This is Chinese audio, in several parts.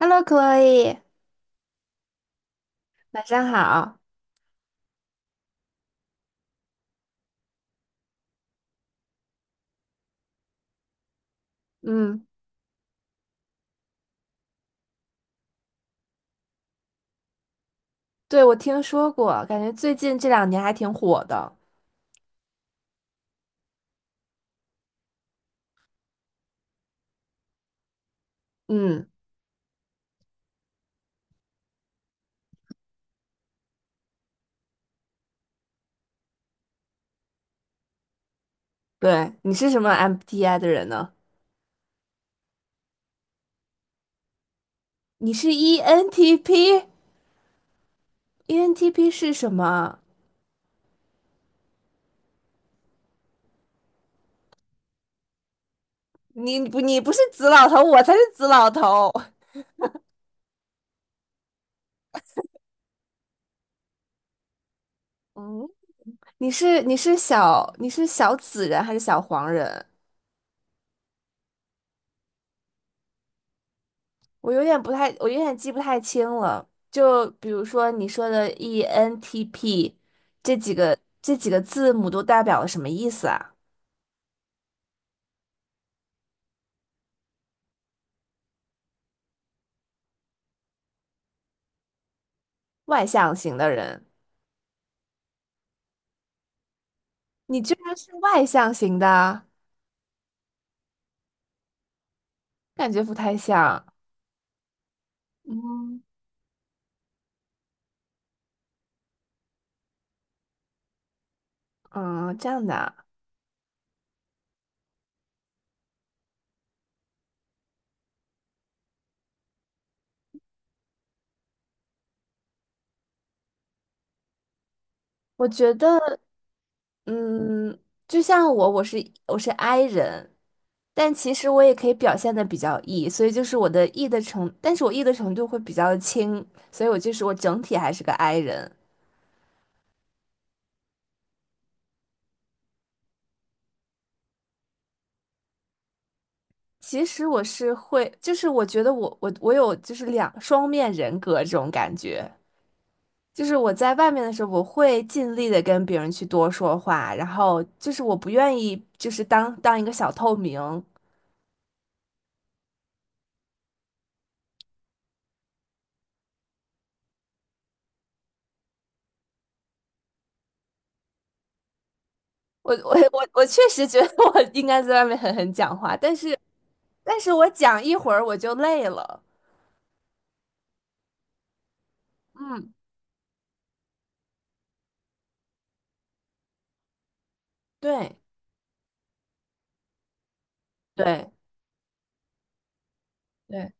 Hello，Chloe，晚上好。嗯，对，我听说过，感觉最近这两年还挺火的。嗯，对，你是什么 m B t i 的人呢？你是 ENTP？ENTP 是什么？你不是紫老头，我才是紫老头。嗯，你是小紫人还是小黄人？我有点不太，我有点记不太清了。就比如说你说的 ENTP 这几个字母都代表了什么意思啊？外向型的人，你居然是外向型的，感觉不太像。嗯嗯，这样的啊。我觉得，嗯，就像我，我是 I 人，但其实我也可以表现的比较 E，所以就是我的 E 的程，但是我 E 的程度会比较轻，所以我整体还是个 I 人。其实我是会，就是我觉得我有就是两双面人格这种感觉，就是我在外面的时候，我会尽力的跟别人去多说话，然后就是我不愿意就是当一个小透明，我我确实觉得 我应该在外面狠狠讲话，但是我讲一会儿我就累了，嗯，对对对。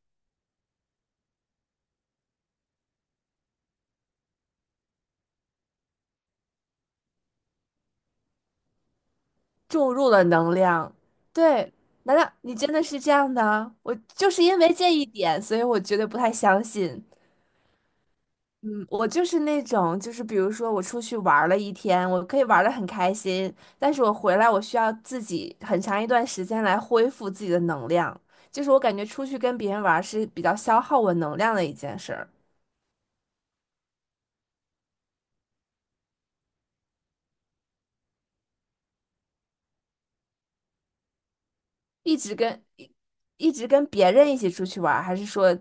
注入了能量。对，难道你真的是这样的啊？我就是因为这一点，所以我觉得不太相信。嗯，我就是那种，就是比如说我出去玩儿了一天，我可以玩的很开心，但是我回来我需要自己很长一段时间来恢复自己的能量。就是我感觉出去跟别人玩儿是比较消耗我能量的一件事儿，一直跟一一直跟别人一起出去玩儿，还是说？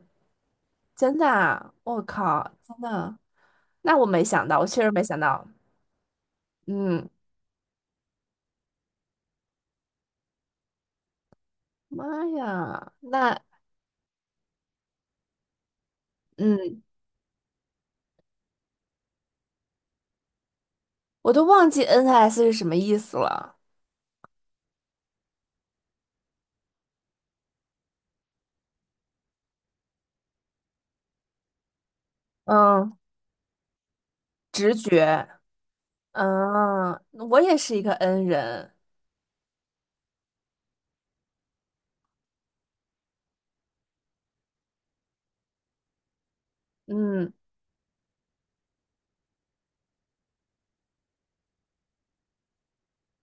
真的啊我靠，真的，那我没想到，我确实没想到。嗯，妈呀，那嗯，我都忘记 NS 是什么意思了。嗯，直觉。嗯，我也是一个 N 人。嗯，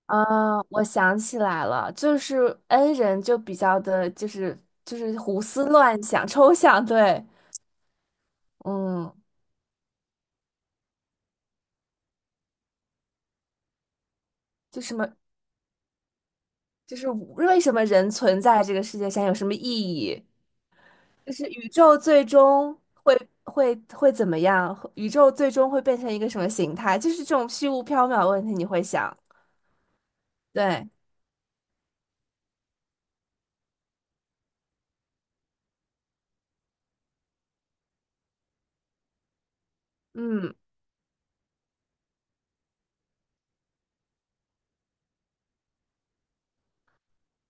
啊，我想起来了，就是 N 人就比较的，就是就是胡思乱想、抽象。对，嗯，就什么，就是为什么人存在这个世界上有什么意义？就是宇宙最终会会怎么样？宇宙最终会变成一个什么形态？就是这种虚无缥缈的问题，你会想，对，嗯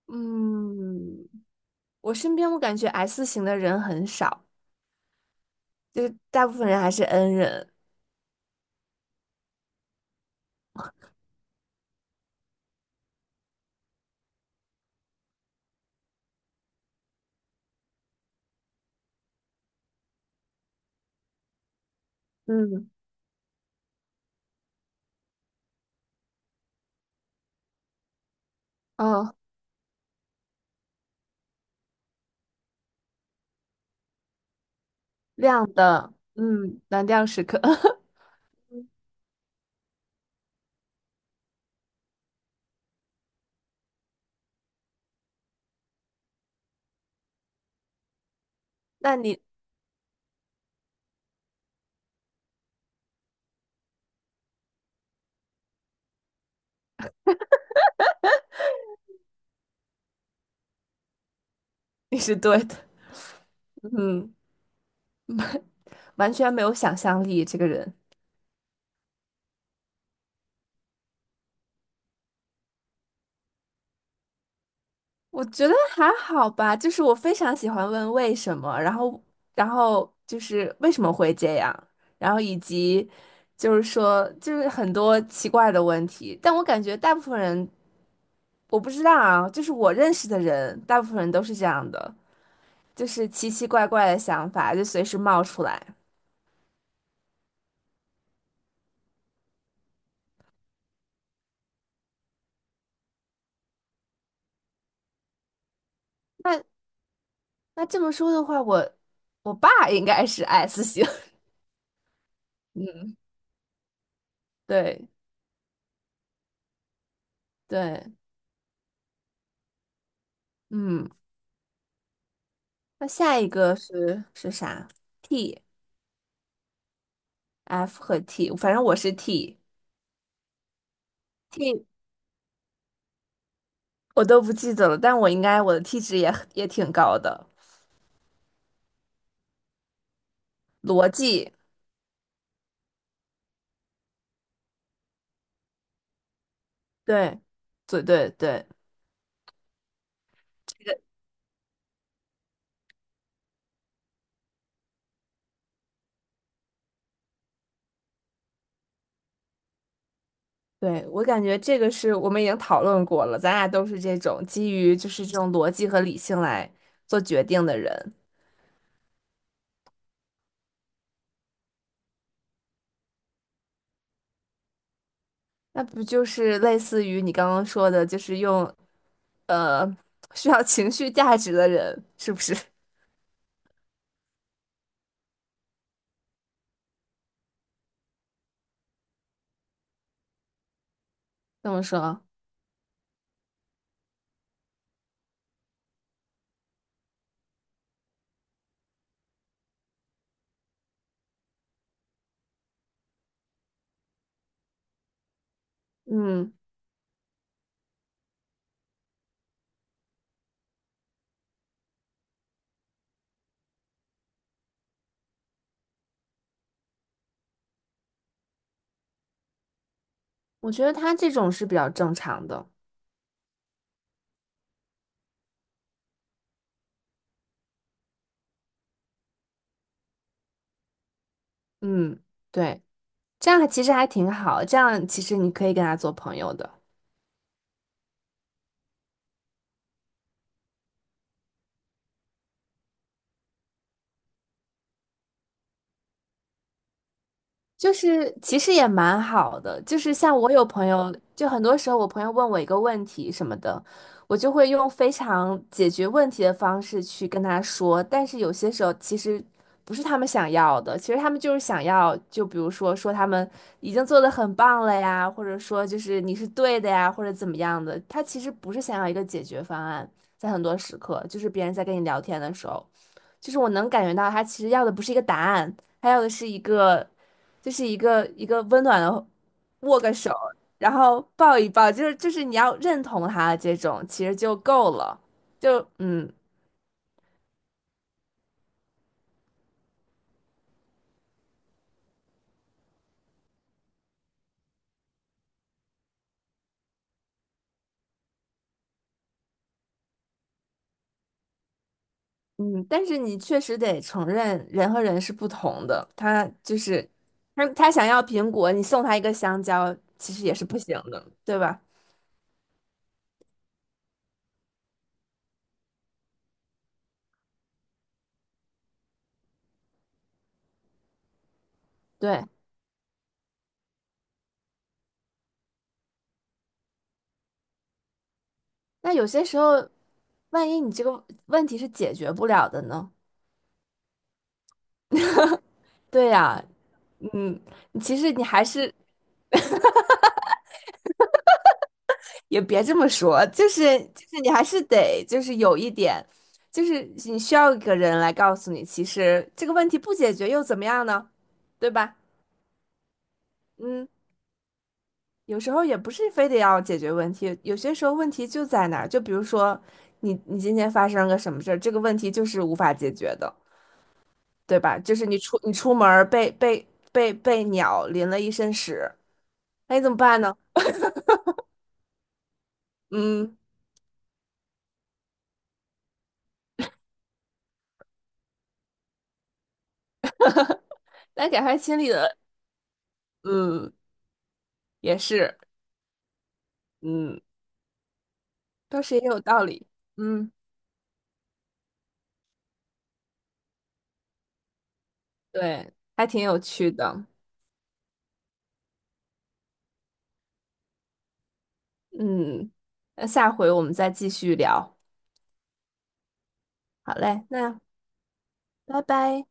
嗯，我身边我感觉 S 型的人很少，就是大部分人还是 N 人，嗯。哦，亮的，嗯，蓝调时刻，那你你是对的，嗯，完全没有想象力，这个人。我觉得还好吧，就是我非常喜欢问为什么，然后，然后就是为什么会这样，然后以及就是说，就是很多奇怪的问题，但我感觉大部分人我不知道啊，就是我认识的人，大部分人都是这样的，就是奇奇怪怪的想法就随时冒出来。那那这么说的话，我我爸应该是 S 型，嗯，对对，嗯，那下一个是是啥？T。F 和 T，反正我是 T，T 我都不记得了，但我应该我的 T 值也很也挺高的。逻辑，对，对对对对，我感觉这个是我们已经讨论过了，咱俩都是这种基于就是这种逻辑和理性来做决定的人，那不就是类似于你刚刚说的，就是用呃需要情绪价值的人，是不是？ 这么说？嗯，我觉得他这种是比较正常的。嗯，对。这样其实还挺好，这样其实你可以跟他做朋友的。就是其实也蛮好的，就是像我有朋友，就很多时候我朋友问我一个问题什么的，我就会用非常解决问题的方式去跟他说，但是有些时候其实不是他们想要的，其实他们就是想要，就比如说说他们已经做得很棒了呀，或者说就是你是对的呀，或者怎么样的，他其实不是想要一个解决方案，在很多时刻，就是别人在跟你聊天的时候。就是我能感觉到他其实要的不是一个答案，他要的是就是一个温暖的握个手，然后抱一抱，就是你要认同他这种，其实就够了。就嗯嗯，但是你确实得承认，人和人是不同的。他就是他想要苹果，你送他一个香蕉，其实也是不行的，对吧？对。那有些时候，万一你这个问题是解决不了的呢？对呀，嗯，你其实你还是也别这么说，就是就是你还是得就是有一点，就是你需要一个人来告诉你，其实这个问题不解决又怎么样呢？对吧？嗯，有时候也不是非得要解决问题，有些时候问题就在那儿，就比如说你今天发生个什么事儿，这个问题就是无法解决的，对吧？就是你出门儿被被鸟淋了一身屎，那你怎么办呢？嗯，来，赶快清理了，嗯，也是，嗯。倒是也有道理。嗯，对，还挺有趣的。嗯，那下回我们再继续聊。好嘞，那拜拜。